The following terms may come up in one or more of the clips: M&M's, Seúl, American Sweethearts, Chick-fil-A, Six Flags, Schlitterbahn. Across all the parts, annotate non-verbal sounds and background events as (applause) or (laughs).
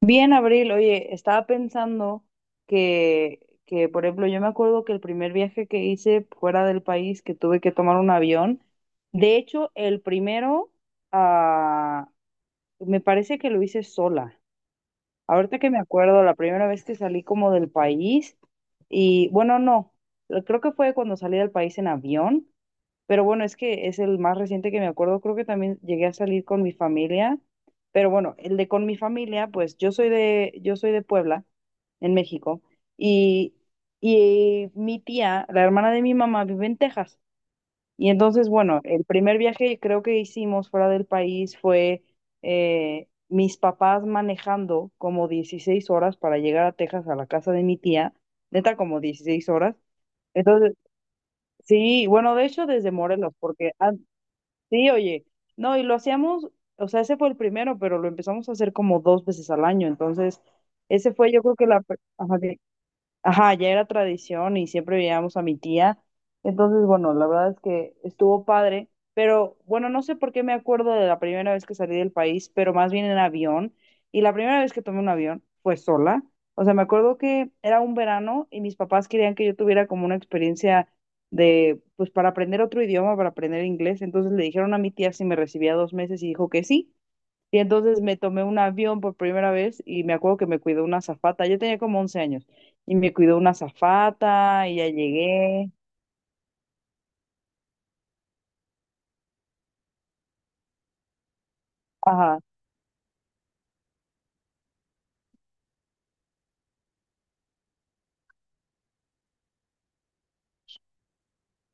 Bien, Abril, oye, estaba pensando que, que, por ejemplo, yo me acuerdo que el primer viaje que hice fuera del país, que tuve que tomar un avión, de hecho, el primero, ah, me parece que lo hice sola. Ahorita que me acuerdo, la primera vez que salí como del país, y bueno, no, creo que fue cuando salí del país en avión, pero bueno, es que es el más reciente que me acuerdo. Creo que también llegué a salir con mi familia. Pero bueno, el de con mi familia, pues yo soy de Puebla, en México, y, y mi tía, la hermana de mi mamá, vive en Texas. Y entonces, bueno, el primer viaje creo que hicimos fuera del país fue mis papás manejando como 16 horas para llegar a Texas a la casa de mi tía, neta como 16 horas. Entonces, sí, bueno, de hecho desde Morelos. Sí, oye, no, y lo hacíamos, o sea, ese fue el primero, pero lo empezamos a hacer como dos veces al año, entonces, ese fue yo creo que ajá. Ajá, ya era tradición y siempre veíamos a mi tía. Entonces, bueno, la verdad es que estuvo padre, pero bueno, no sé por qué me acuerdo de la primera vez que salí del país, pero más bien en avión. Y la primera vez que tomé un avión fue sola. O sea, me acuerdo que era un verano y mis papás querían que yo tuviera como una experiencia de, pues para aprender otro idioma, para aprender inglés. Entonces le dijeron a mi tía si me recibía 2 meses y dijo que sí. Y entonces me tomé un avión por primera vez y me acuerdo que me cuidó una azafata. Yo tenía como 11 años y me cuidó una azafata y ya llegué. Ajá.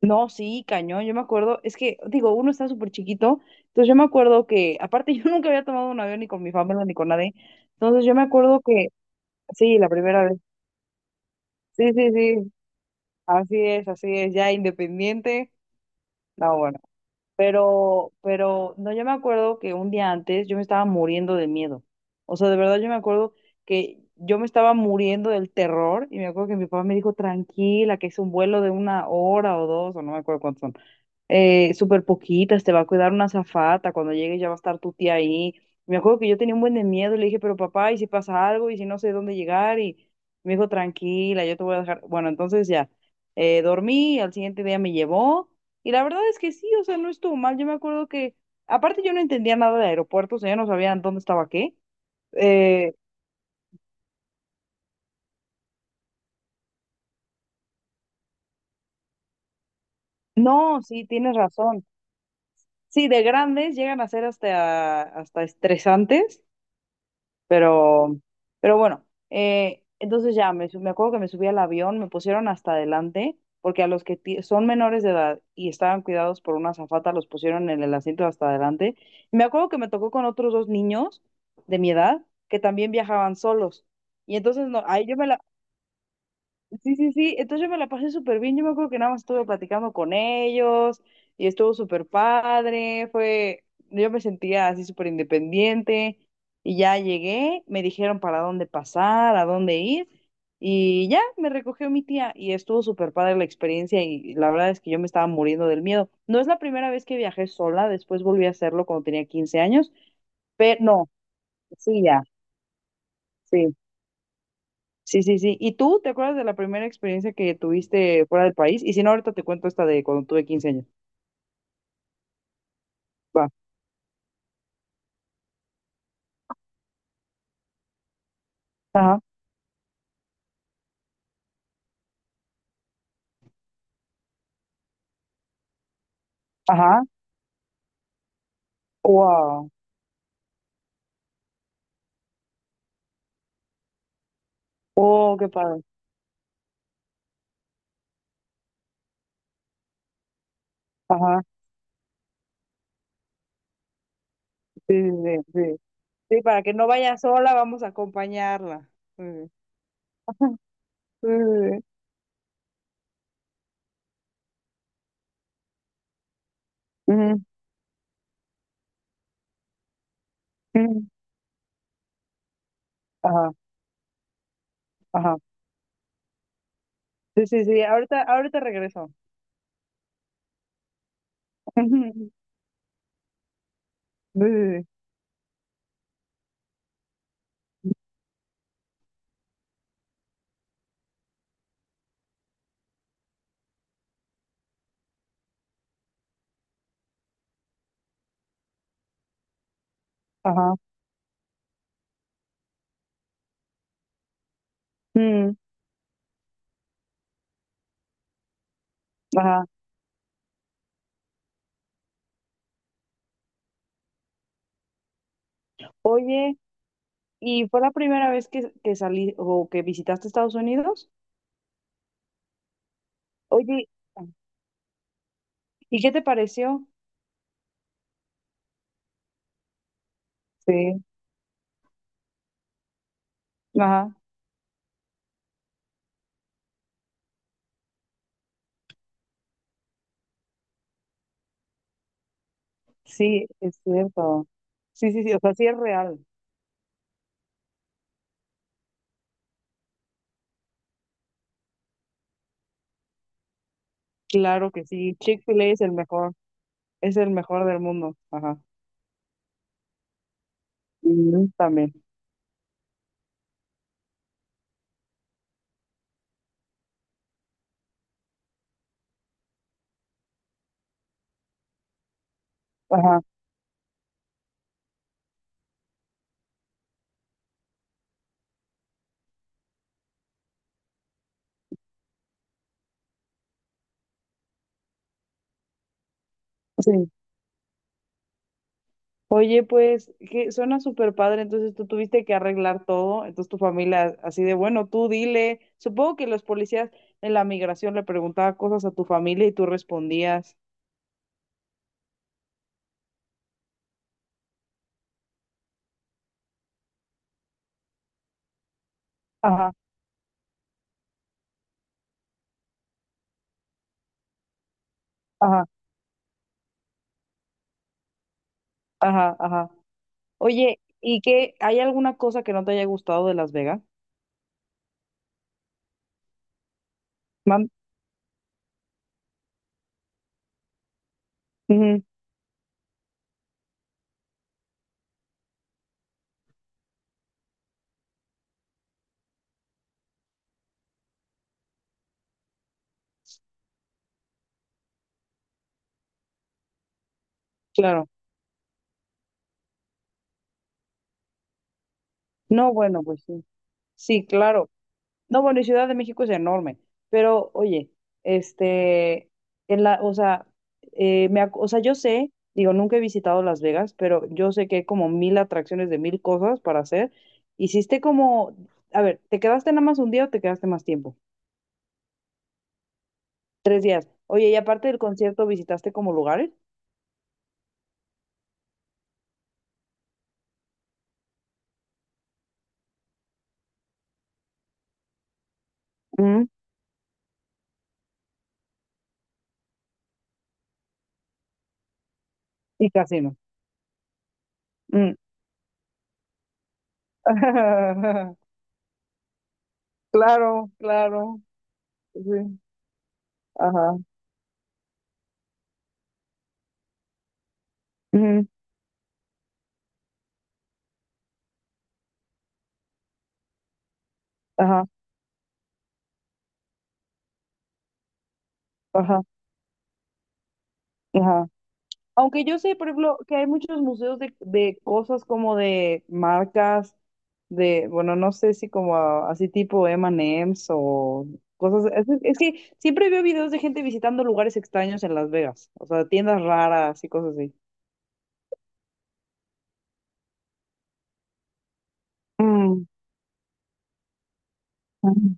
No, sí, cañón. Yo me acuerdo, es que, digo, uno está súper chiquito. Entonces yo me acuerdo que, aparte, (laughs) yo nunca había tomado un avión ni con mi familia ni con nadie. Entonces yo me acuerdo que, sí, la primera vez. Sí, sí, sí. Así es, así es. Ya independiente. No, bueno. Pero, no, yo me acuerdo que un día antes yo me estaba muriendo de miedo. O sea, de verdad yo me acuerdo que yo me estaba muriendo del terror y me acuerdo que mi papá me dijo, tranquila, que es un vuelo de una hora o dos, o no me acuerdo cuántos son, súper poquitas, te va a cuidar una azafata, cuando llegues ya va a estar tu tía ahí. Me acuerdo que yo tenía un buen de miedo, le dije, pero papá, ¿y si pasa algo? ¿Y si no sé dónde llegar? Y me dijo, tranquila, yo te voy a dejar. Bueno, entonces ya, dormí, al siguiente día me llevó, y la verdad es que sí, o sea, no estuvo mal. Yo me acuerdo que, aparte yo no entendía nada de aeropuertos, o sea, yo no sabía dónde estaba qué. Eh, no, sí, tienes razón. Sí, de grandes llegan a ser hasta estresantes. Pero, pero bueno, entonces me acuerdo que me subí al avión, me pusieron hasta adelante, porque a los que son menores de edad y estaban cuidados por una azafata, los pusieron en el asiento hasta adelante. Y me acuerdo que me tocó con otros dos niños de mi edad que también viajaban solos. Y entonces no, ahí yo me la, sí, sí, sí. Entonces yo me la pasé súper bien. Yo me acuerdo que nada más estuve platicando con ellos y estuvo súper padre. Fue, yo me sentía así súper independiente y ya llegué, me dijeron para dónde pasar, a dónde ir y ya me recogió mi tía y estuvo súper padre la experiencia y la verdad es que yo me estaba muriendo del miedo. No es la primera vez que viajé sola, después volví a hacerlo cuando tenía 15 años, pero no, sí, ya, sí. Sí, sí, sí. ¿Y tú te acuerdas de la primera experiencia que tuviste fuera del país? Y si no, ahorita te cuento esta de cuando tuve 15 años. Va. Ajá, ajá. Wow. Oh, qué padre. Ajá. Sí, sí, sí. Sí, sí, para que no vaya sola, vamos a acompañarla. Sí. (laughs) Sí, sí, sí. Ujú, ujú. Ajá, ajá. Sí, sí, sí. Ahorita, ahorita regreso. (laughs) Sí, sí, sí. Ajá. Mm, ajá. Oye, ¿y fue la primera vez que salí o que visitaste Estados Unidos? Oye, ¿y qué te pareció? Sí, ajá, sí, es cierto. Sí, sí, sí, o sea, sí es real. Claro que sí. Chick-fil-A es el mejor del mundo. Ajá. Ujú, también. Ajá, sí. Oye, pues, que suena súper padre, entonces tú tuviste que arreglar todo, entonces tu familia así de, bueno, tú dile, supongo que los policías en la migración le preguntaban cosas a tu familia y tú respondías. Ajá, ajá, ajá, ajá. Oye, ¿y qué, hay alguna cosa que no te haya gustado de Las Vegas? Ujú, claro. No, bueno, pues sí. Sí, claro. No, bueno, y Ciudad de México es enorme. Pero, oye, este, en la, o sea, o sea, yo sé, digo, nunca he visitado Las Vegas, pero yo sé que hay como mil atracciones de mil cosas para hacer. Hiciste como, a ver, ¿te quedaste nada más un día o te quedaste más tiempo? 3 días. Oye, y aparte del concierto, ¿visitaste como lugares? Mm, y casino. Mm. (laughs) Claro, claro. Sí. Ajá. Ujú, ajá. Ajá, ajá. Aunque yo sé, por ejemplo, que hay muchos museos de cosas como de marcas, de, bueno, no sé si como así tipo M&M's o cosas. Es que siempre veo videos de gente visitando lugares extraños en Las Vegas, o sea, tiendas raras y cosas así. Mm, ujú.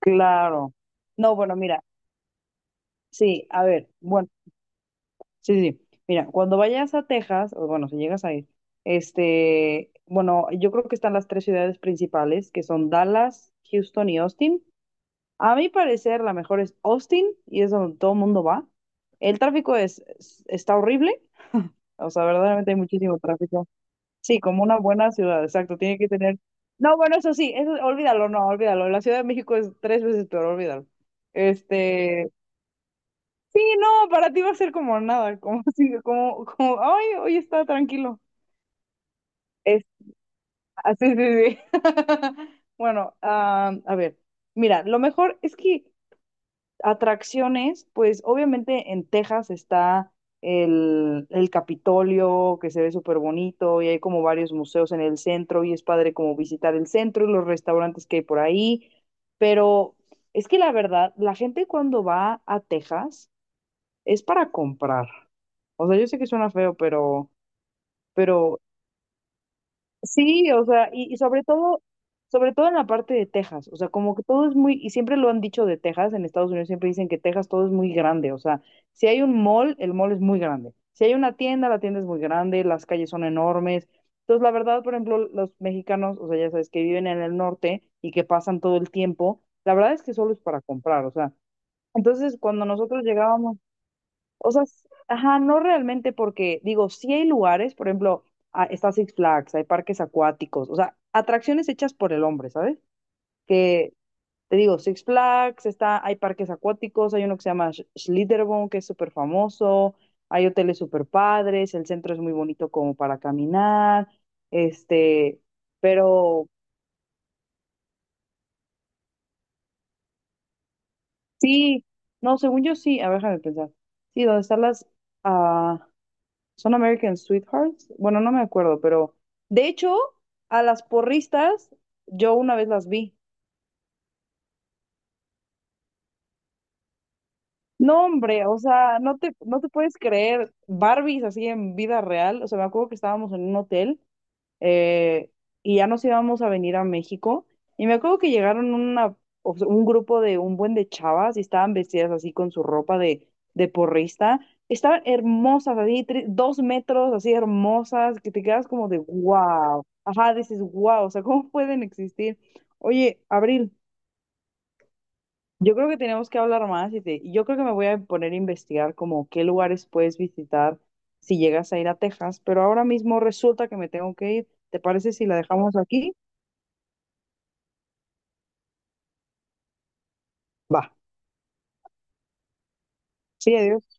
Claro. No, bueno, mira, sí, a ver, bueno. Sí, sí. Sí. Mira, cuando vayas a Texas, o bueno, si llegas a ir, este, bueno, yo creo que están las tres ciudades principales, que son Dallas, Houston y Austin. A mi parecer, la mejor es Austin y es donde todo el mundo va. El tráfico está horrible, o sea, verdaderamente hay muchísimo tráfico. Sí, como una buena ciudad, exacto, tiene que tener. No, bueno, eso sí, eso, olvídalo, no, olvídalo. La Ciudad de México es tres veces peor, olvídalo. Este, no, para ti va a ser como nada, como (laughs) así, como, ay, hoy está tranquilo. Es, así, sí, sí. (laughs) Bueno, a ver, mira, lo mejor es que atracciones, pues obviamente en Texas está el Capitolio, que se ve súper bonito, y hay como varios museos en el centro, y es padre como visitar el centro y los restaurantes que hay por ahí, pero es que la verdad, la gente cuando va a Texas, es para comprar. O sea, yo sé que suena feo, pero sí, o sea, y sobre todo en la parte de Texas, o sea, como que todo es muy, y siempre lo han dicho de Texas, en Estados Unidos siempre dicen que Texas todo es muy grande, o sea, si hay un mall, el mall es muy grande, si hay una tienda, la tienda es muy grande, las calles son enormes. Entonces, la verdad, por ejemplo, los mexicanos, o sea, ya sabes, que viven en el norte y que pasan todo el tiempo, la verdad es que solo es para comprar, o sea, entonces cuando nosotros llegábamos. O sea, ajá, no realmente porque, digo, sí hay lugares, por ejemplo, está Six Flags, hay parques acuáticos, o sea, atracciones hechas por el hombre, ¿sabes? Que, te digo, Six Flags, está, hay parques acuáticos, hay uno que se llama Schlitterbahn, que es súper famoso, hay hoteles súper padres, el centro es muy bonito como para caminar, este, pero sí, no, según yo sí, a ver, déjame pensar, sí, donde están las, ah, Son American Sweethearts. Bueno, no me acuerdo, pero de hecho, a las porristas yo una vez las vi. No, hombre, o sea, no te puedes creer Barbies así en vida real. O sea, me acuerdo que estábamos en un hotel, eh, y ya nos íbamos a venir a México. Y me acuerdo que llegaron una, o sea, un grupo de un buen de chavas y estaban vestidas así con su ropa de porrista. Estaban hermosas, así, 2 metros, así hermosas, que te quedas como de wow. Ajá, dices wow, o sea, ¿cómo pueden existir? Oye, Abril, yo creo que tenemos que hablar más y yo creo que me voy a poner a investigar como qué lugares puedes visitar si llegas a ir a Texas, pero ahora mismo resulta que me tengo que ir. ¿Te parece si la dejamos aquí? Va. Sí, adiós.